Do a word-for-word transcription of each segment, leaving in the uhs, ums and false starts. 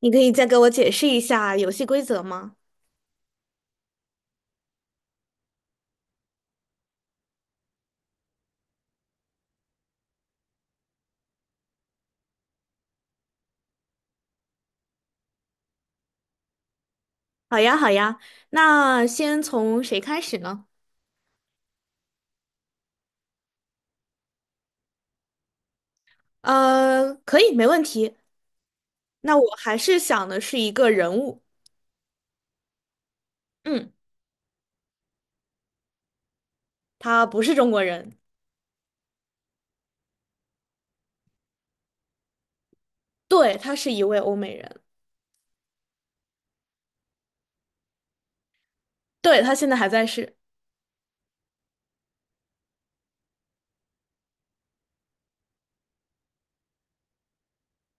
你可以再给我解释一下游戏规则吗？好呀，好呀，那先从谁开始呢？呃，可以，没问题。那我还是想的是一个人物，嗯，他不是中国人，对，他是一位欧美人，对，他现在还在世，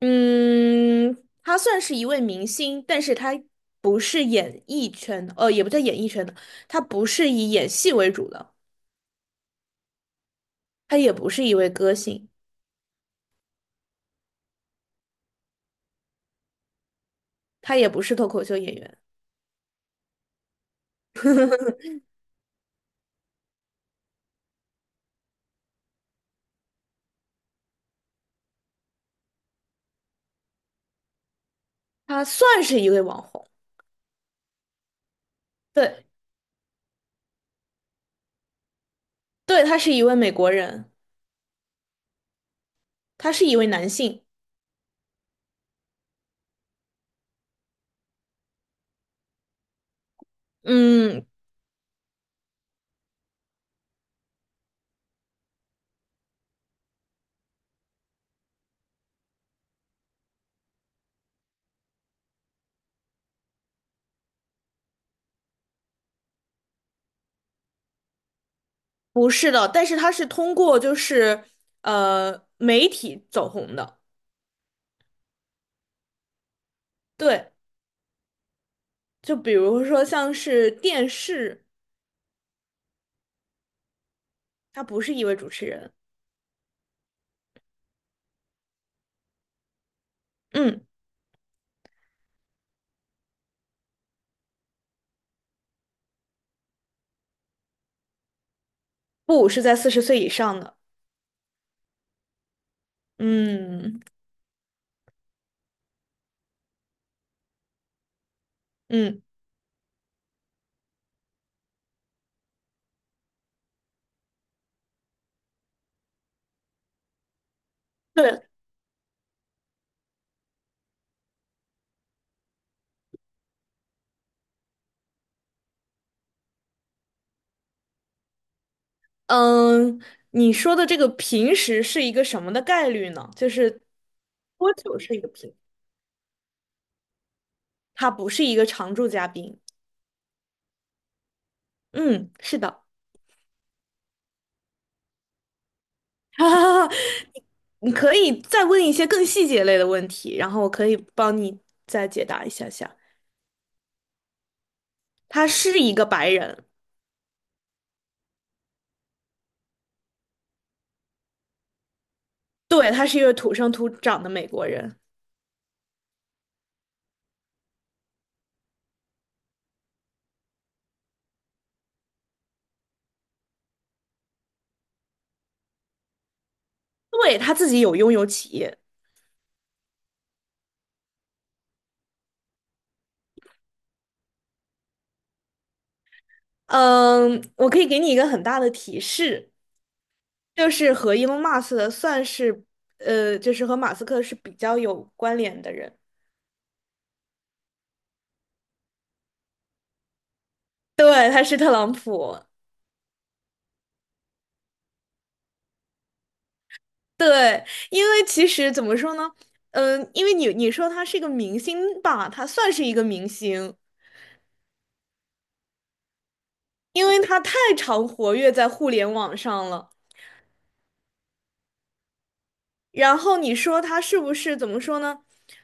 嗯，他算是一位明星，但是他不是演艺圈的，呃，也不叫演艺圈的，他不是以演戏为主的，他也不是一位歌星，他也不是脱口秀演员，他算是一位网红。对。对，他是一位美国人，他是一位男性。嗯，不是的，但是他是通过就是呃媒体走红的。对，就比如说像是电视，他不是一位主持人。嗯，不，是在四十岁以上的。嗯嗯，对，嗯，你说的这个平时是一个什么的概率呢？就是多久是一个平？他不是一个常驻嘉宾。嗯，是的。啊，你可以再问一些更细节类的问题，然后我可以帮你再解答一下下。他是一个白人，对，他是一个土生土长的美国人，对，他自己有拥有企业。嗯，我可以给你一个很大的提示，就是和 Elon Musk 的算是，呃，就是和马斯克是比较有关联的人。对，他是特朗普，对，因为其实怎么说呢，嗯、因为你你说他是一个明星吧，他算是一个明星，因为他太常活跃在互联网上了。然后你说他是不是怎么说呢？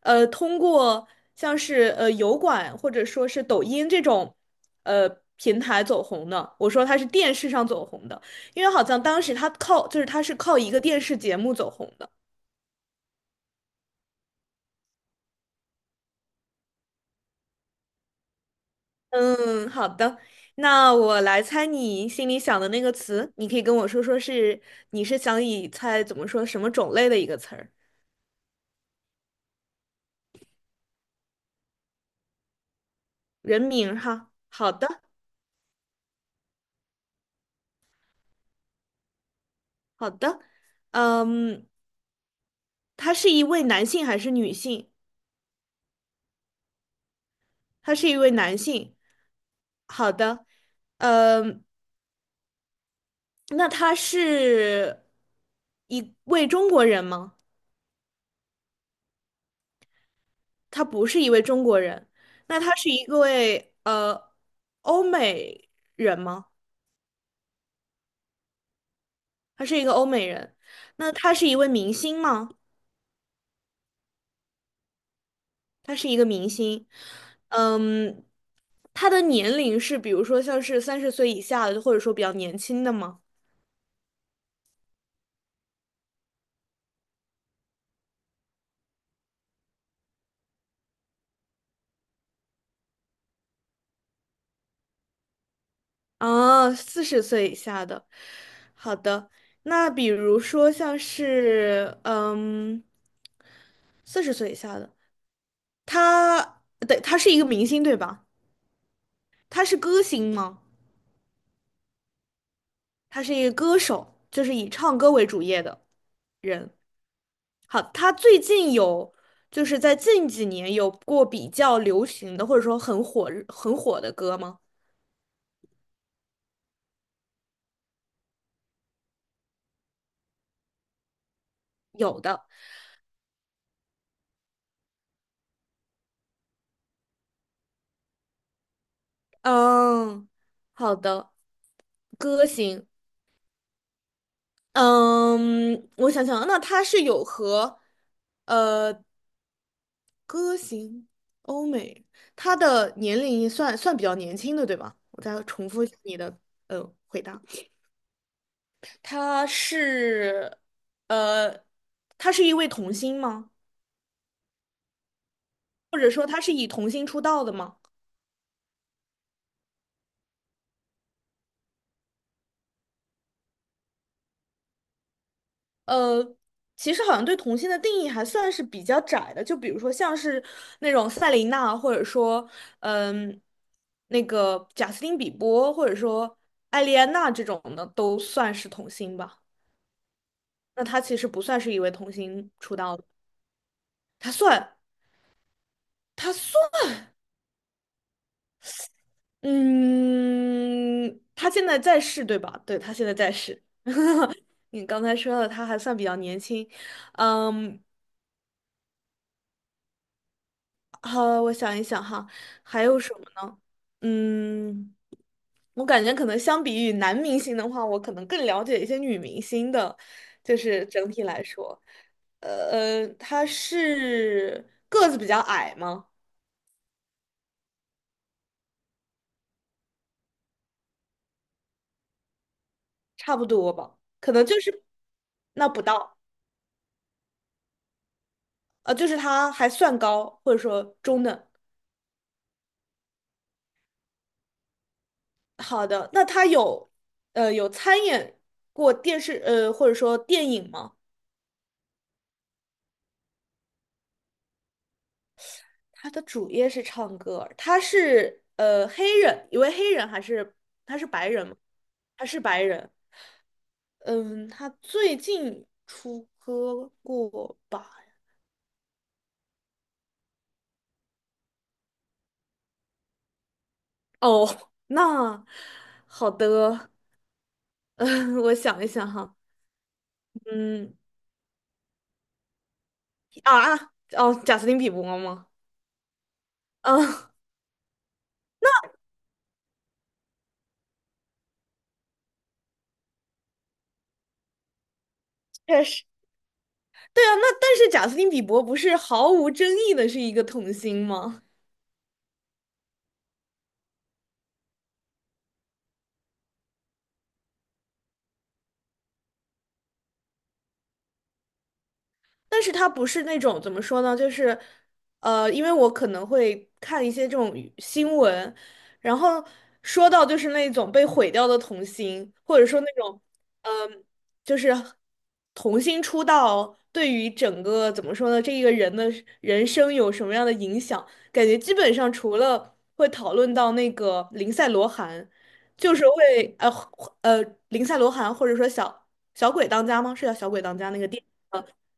呃，通过像是呃油管或者说是抖音这种呃平台走红的，我说他是电视上走红的，因为好像当时他靠就是他是靠一个电视节目走红的。嗯，好的，那我来猜你心里想的那个词，你可以跟我说说是你是想以猜怎么说什么种类的一个词儿，人名儿哈。好的，好的，嗯，他是一位男性还是女性？他是一位男性。好的，呃，那他是一位中国人吗？他不是一位中国人，那他是一位呃欧美人吗？他是一个欧美人。那他是一位明星吗？他是一个明星。嗯，他的年龄是比如说像是三十岁以下的，或者说比较年轻的吗？啊，四十岁以下的。好的，那比如说像是嗯，四十岁以下的，他对，他是一个明星对吧？他是歌星吗？他是一个歌手，就是以唱歌为主业的。人。好，他最近有，就是在近几年有过比较流行的，或者说很火很火的歌吗？有的，嗯，好的，歌星，嗯，我想想啊，那他是有和，呃，歌星欧美，他的年龄算算比较年轻的，对吧？我再重复一下你的呃回答，他是，呃，他是一位童星吗？或者说他是以童星出道的吗？呃，其实好像对童星的定义还算是比较窄的，就比如说像是那种赛琳娜，或者说嗯，那个贾斯汀比伯，或者说艾莉安娜这种的，都算是童星吧。那他其实不算是一位童星出道的，他算他嗯，他现在在世对吧？对，他现在在世。你刚才说了，他还算比较年轻，嗯，好，我想一想哈，还有什么呢？嗯，我感觉可能相比于男明星的话，我可能更了解一些女明星的，就是整体来说，呃，她是个子比较矮吗？差不多吧，可能就是那不到，呃，就是她还算高，或者说中等。好的，那她有呃有参演过电视呃或者说电影吗？他的主业是唱歌，他是呃黑人，一位黑人还是他是白人吗？他是白人，嗯，他最近出歌过吧？哦，那好的，嗯，我想一想哈，嗯啊啊哦，贾斯汀比伯吗？嗯，确实，对啊，那但是贾斯汀比伯不是毫无争议的是一个童星吗？但是它不是那种怎么说呢，就是，呃，因为我可能会看一些这种娱新闻，然后说到就是那种被毁掉的童星，或者说那种，嗯、呃就是童星出道对于整个怎么说呢，这一个人的人生有什么样的影响，感觉基本上除了会讨论到那个林赛罗韩，就是会呃呃林赛罗韩或者说小小鬼当家吗？是叫小鬼当家那个电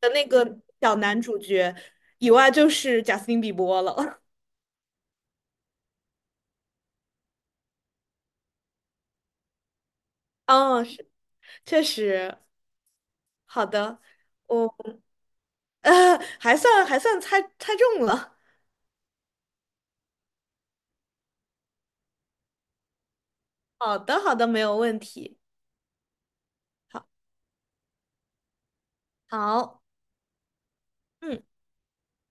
的那个小男主角以外，就是贾斯汀比伯了。嗯，是，确实，好的，我呃 还算还算猜猜中了。好的，好的，没有问题。好，好，嗯。